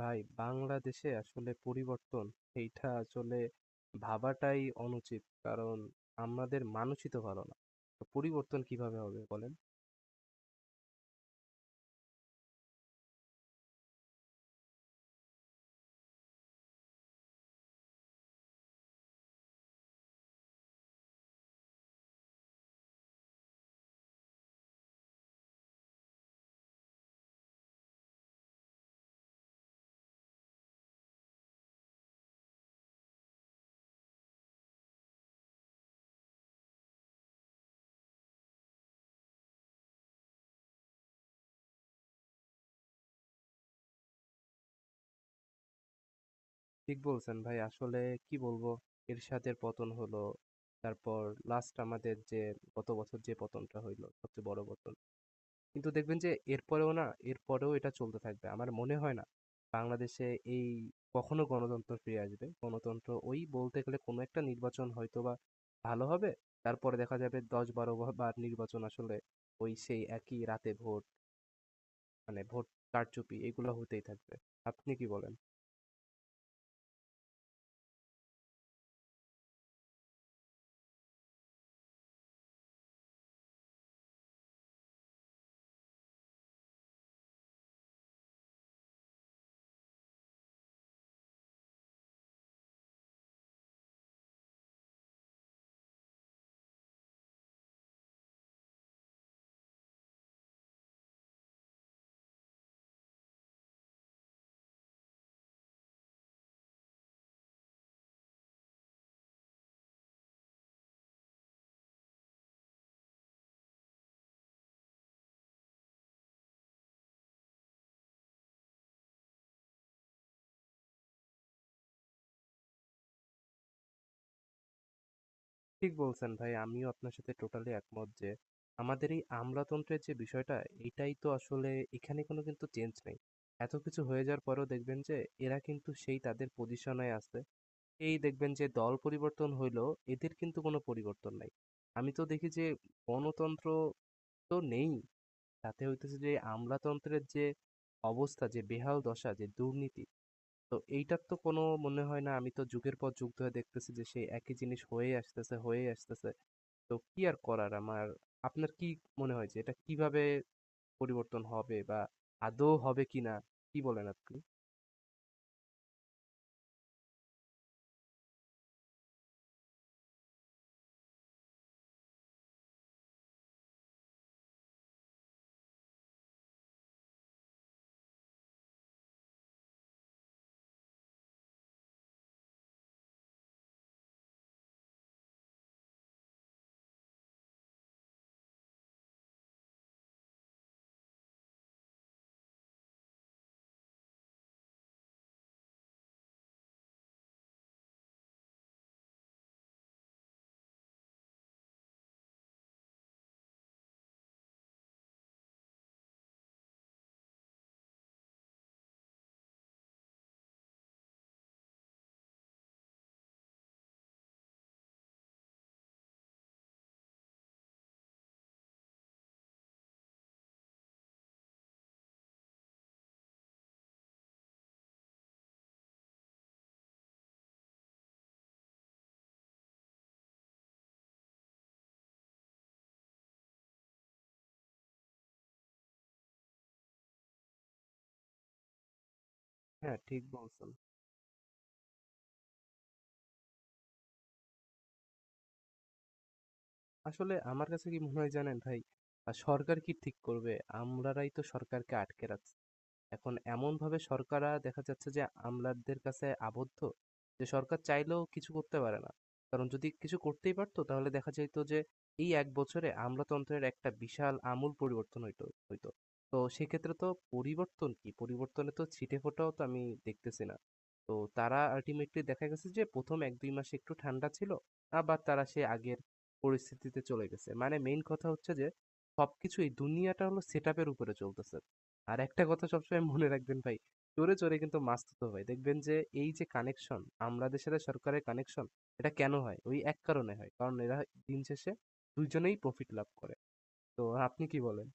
ভাই, বাংলাদেশে আসলে পরিবর্তন এইটা আসলে ভাবাটাই অনুচিত। কারণ আমাদের মানুষই তো ভালো না। তো পরিবর্তন কিভাবে হবে বলেন? ঠিক বলছেন ভাই। আসলে কি বলবো, এরশাদের পতন হলো। তারপর লাস্ট আমাদের যে গত বছর যে পতনটা হইলো সবচেয়ে বড় পতন। কিন্তু দেখবেন যে এরপরেও না, এরপরেও এটা চলতে থাকবে। আমার মনে হয় না বাংলাদেশে এই কখনো গণতন্ত্র ফিরে আসবে। গণতন্ত্র ওই বলতে গেলে কোনো একটা নির্বাচন হয়তোবা ভালো হবে। তারপরে দেখা যাবে ১০-১২ বা বার নির্বাচন আসলে ওই সেই একই রাতে ভোট, মানে ভোট কারচুপি এগুলো হতেই থাকবে। আপনি কি বলেন? ঠিক বলছেন ভাই। আমিও আপনার সাথে টোটালি একমত যে, আমাদের এই আমলাতন্ত্রের যে বিষয়টা, এটাই তো আসলে এখানে কোনো কিন্তু চেঞ্জ নেই। এত কিছু হয়ে যাওয়ার পরেও দেখবেন যে, এরা কিন্তু সেই তাদের পজিশনে আছে। এই দেখবেন যে দল পরিবর্তন হইলেও এদের কিন্তু কোনো পরিবর্তন নাই। আমি তো দেখি যে গণতন্ত্র তো নেই। তাতে হইতেছে যে আমলাতন্ত্রের যে অবস্থা, যে বেহাল দশা, যে দুর্নীতি, তো এইটার তো কোনো মনে হয় না আমি তো যুগের পর যুগ ধরে দেখতেছি যে সেই একই জিনিস হয়ে আসতেছে, হয়ে আসতেছে। তো কি আর করার আমার আপনার কি মনে হয় যে এটা কিভাবে পরিবর্তন হবে বা আদৌ হবে কিনা কি বলেন আপনি? হ্যাঁ, ঠিক বলছেন। আসলে আমার কাছে কি মনে হয় জানেন ভাই, সরকার কি ঠিক করবে? আমরারাই তো সরকারকে আটকে রাখছি। এখন এমনভাবে সরকাররা দেখা যাচ্ছে যে আমলাদের কাছে আবদ্ধ, যে সরকার চাইলেও কিছু করতে পারে না। কারণ যদি কিছু করতেই পারত তাহলে দেখা যেত যে এই ১ বছরে আমলাতন্ত্রের একটা বিশাল আমূল পরিবর্তন হইতো হইতো। তো সেক্ষেত্রে তো পরিবর্তন কি? পরিবর্তনে তো ছিটেফোঁটাও তো আমি দেখতেছি না। তো তারা আল্টিমেটলি দেখা গেছে যে ১ম ১-২ মাস একটু ঠান্ডা ছিল, আবার তারা সেই আগের পরিস্থিতিতে চলে গেছে। মানে মেইন কথা হচ্ছে যে সবকিছু এই দুনিয়াটা হলো সেটআপ এর উপরে চলতেছে। আর একটা কথা সবসময় মনে রাখবেন ভাই, চোরে, চোরে কিন্তু মাছ থুথু হয়। দেখবেন যে এই যে কানেকশন, আমলাদের সাথে সরকারের কানেকশন, এটা কেন হয়? ওই এক কারণে হয়। কারণ এরা দিন শেষে ২ জনেই প্রফিট লাভ করে। তো আপনি কি বলেন?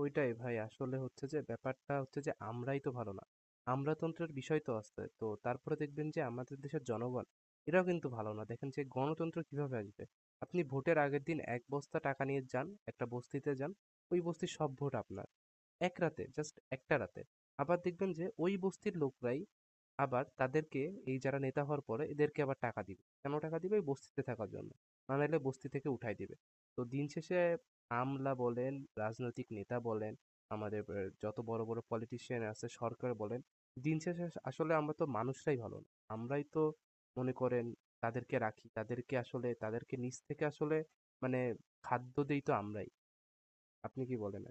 ওইটাই ভাই আসলে হচ্ছে যে ব্যাপারটা হচ্ছে যে আমরাই তো ভালো না। আমলাতন্ত্রের বিষয় তো আছে। তো তারপরে দেখবেন যে আমাদের দেশের জনগণ এরাও কিন্তু ভালো না। দেখেন যে গণতন্ত্র কিভাবে আসবে? আপনি ভোটের আগের দিন ১ বস্তা টাকা নিয়ে যান, একটা বস্তিতে যান। ওই বস্তির সব ভোট আপনার। এক রাতে, জাস্ট একটা রাতে। আবার দেখবেন যে ওই বস্তির লোকরাই আবার তাদেরকে এই যারা নেতা হওয়ার পরে এদেরকে আবার টাকা দিবে। কেন টাকা দিবে? এই বস্তিতে থাকার জন্য। না নাইলে বস্তি থেকে উঠায় দিবে। তো দিন শেষে আমলা বলেন, রাজনৈতিক নেতা বলেন, আমাদের এ যত বড়, বড় পলিটিশিয়ান আছে, সরকার বলেন, দিন শেষে আসলে আমরা তো মানুষরাই ভালো না। আমরাই তো মনে করেন তাদেরকে রাখি। তাদেরকে আসলে তাদেরকে নিচ থেকে আসলে মানে খাদ্য দেই তো আমরাই। আপনি কি বলেন?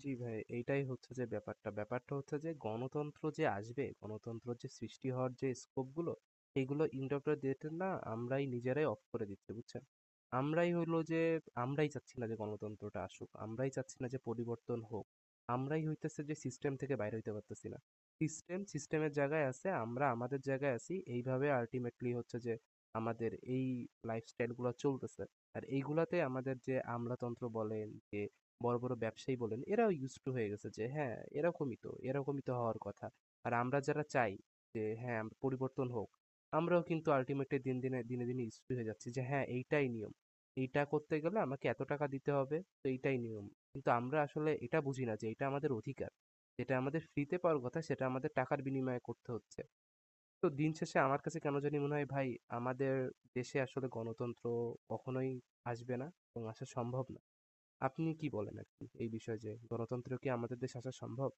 জি ভাই, এইটাই হচ্ছে যে ব্যাপারটা। ব্যাপারটা হচ্ছে যে গণতন্ত্র যে আসবে, গণতন্ত্র যে সৃষ্টি হওয়ার যে স্কোপগুলো, এগুলো ইন্টারপ্রেটের না আমরাই নিজেরাই অফ করে দিচ্ছি, বুঝছেন? আমরাই হইলো যে আমরাই চাচ্ছি না যে গণতন্ত্রটা আসুক। আমরাই চাচ্ছি না যে পরিবর্তন হোক। আমরাই হইতেছে যে সিস্টেম থেকে বাইর হইতে পারতেছি না। সিস্টেমের জায়গায় আছে, আমরা আমাদের জায়গায় আছি। এইভাবে আল্টিমেটলি হচ্ছে যে আমাদের এই লাইফস্টাইলগুলা চলতেছে। আর এইগুলাতে আমাদের যে আমলাতন্ত্র বলেন, যে বড়, বড় ব্যবসায়ী বলেন, এরাও used to হয়ে গেছে যে হ্যাঁ, এরকমই তো, এরকমই তো হওয়ার কথা। আর আমরা যারা চাই যে হ্যাঁ, আমরা পরিবর্তন হোক, আমরাও কিন্তু ultimately দিন দিনে দিনে, দিনে used to হয়ে যাচ্ছি যে হ্যাঁ, এইটাই নিয়ম। এইটা করতে গেলে আমাকে এত টাকা দিতে হবে, তো এইটাই নিয়ম। কিন্তু আমরা আসলে এটা বুঝি না যে এটা আমাদের অধিকার। যেটা আমাদের ফ্রিতে পাওয়ার কথা সেটা আমাদের টাকার বিনিময়ে করতে হচ্ছে। তো দিন শেষে আমার কাছে কেন জানি মনে হয় ভাই, আমাদের দেশে আসলে গণতন্ত্র কখনোই আসবে না এবং আসা সম্ভব না। আপনি কি বলেন আরকি এই বিষয়ে যে গণতন্ত্র কি আমাদের দেশে আসা সম্ভব?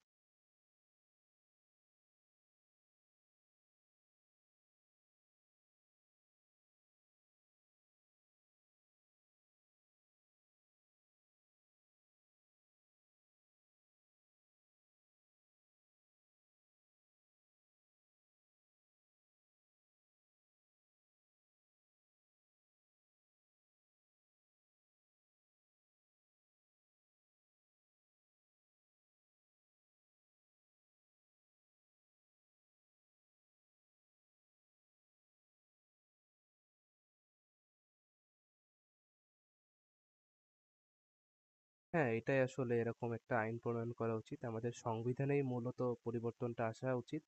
হ্যাঁ, এটাই আসলে এরকম একটা আইন প্রণয়ন করা উচিত। আমাদের সংবিধানেই মূলত পরিবর্তনটা আসা উচিত।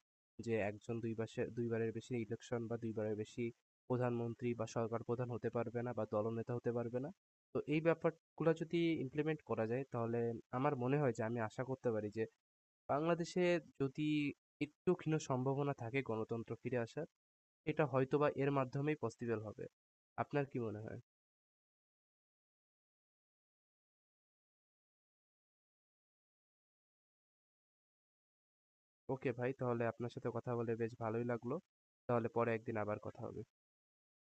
যে একজন ২ বাসে ২ বারের বেশি ইলেকশন বা ২ বারের বেশি প্রধানমন্ত্রী বা সরকার প্রধান হতে পারবে না বা দলনেতা হতে পারবে না। তো এই ব্যাপারগুলা যদি ইমপ্লিমেন্ট করা যায় তাহলে আমার মনে হয় যে আমি আশা করতে পারি যে বাংলাদেশে যদি একটু ক্ষীণ সম্ভাবনা থাকে গণতন্ত্র ফিরে আসার, এটা হয়তোবা এর মাধ্যমেই পসিবল হবে। আপনার কি মনে হয়? ওকে ভাই, তাহলে আপনার সাথে কথা বলে বেশ ভালোই লাগলো। তাহলে পরে একদিন আবার কথা হবে।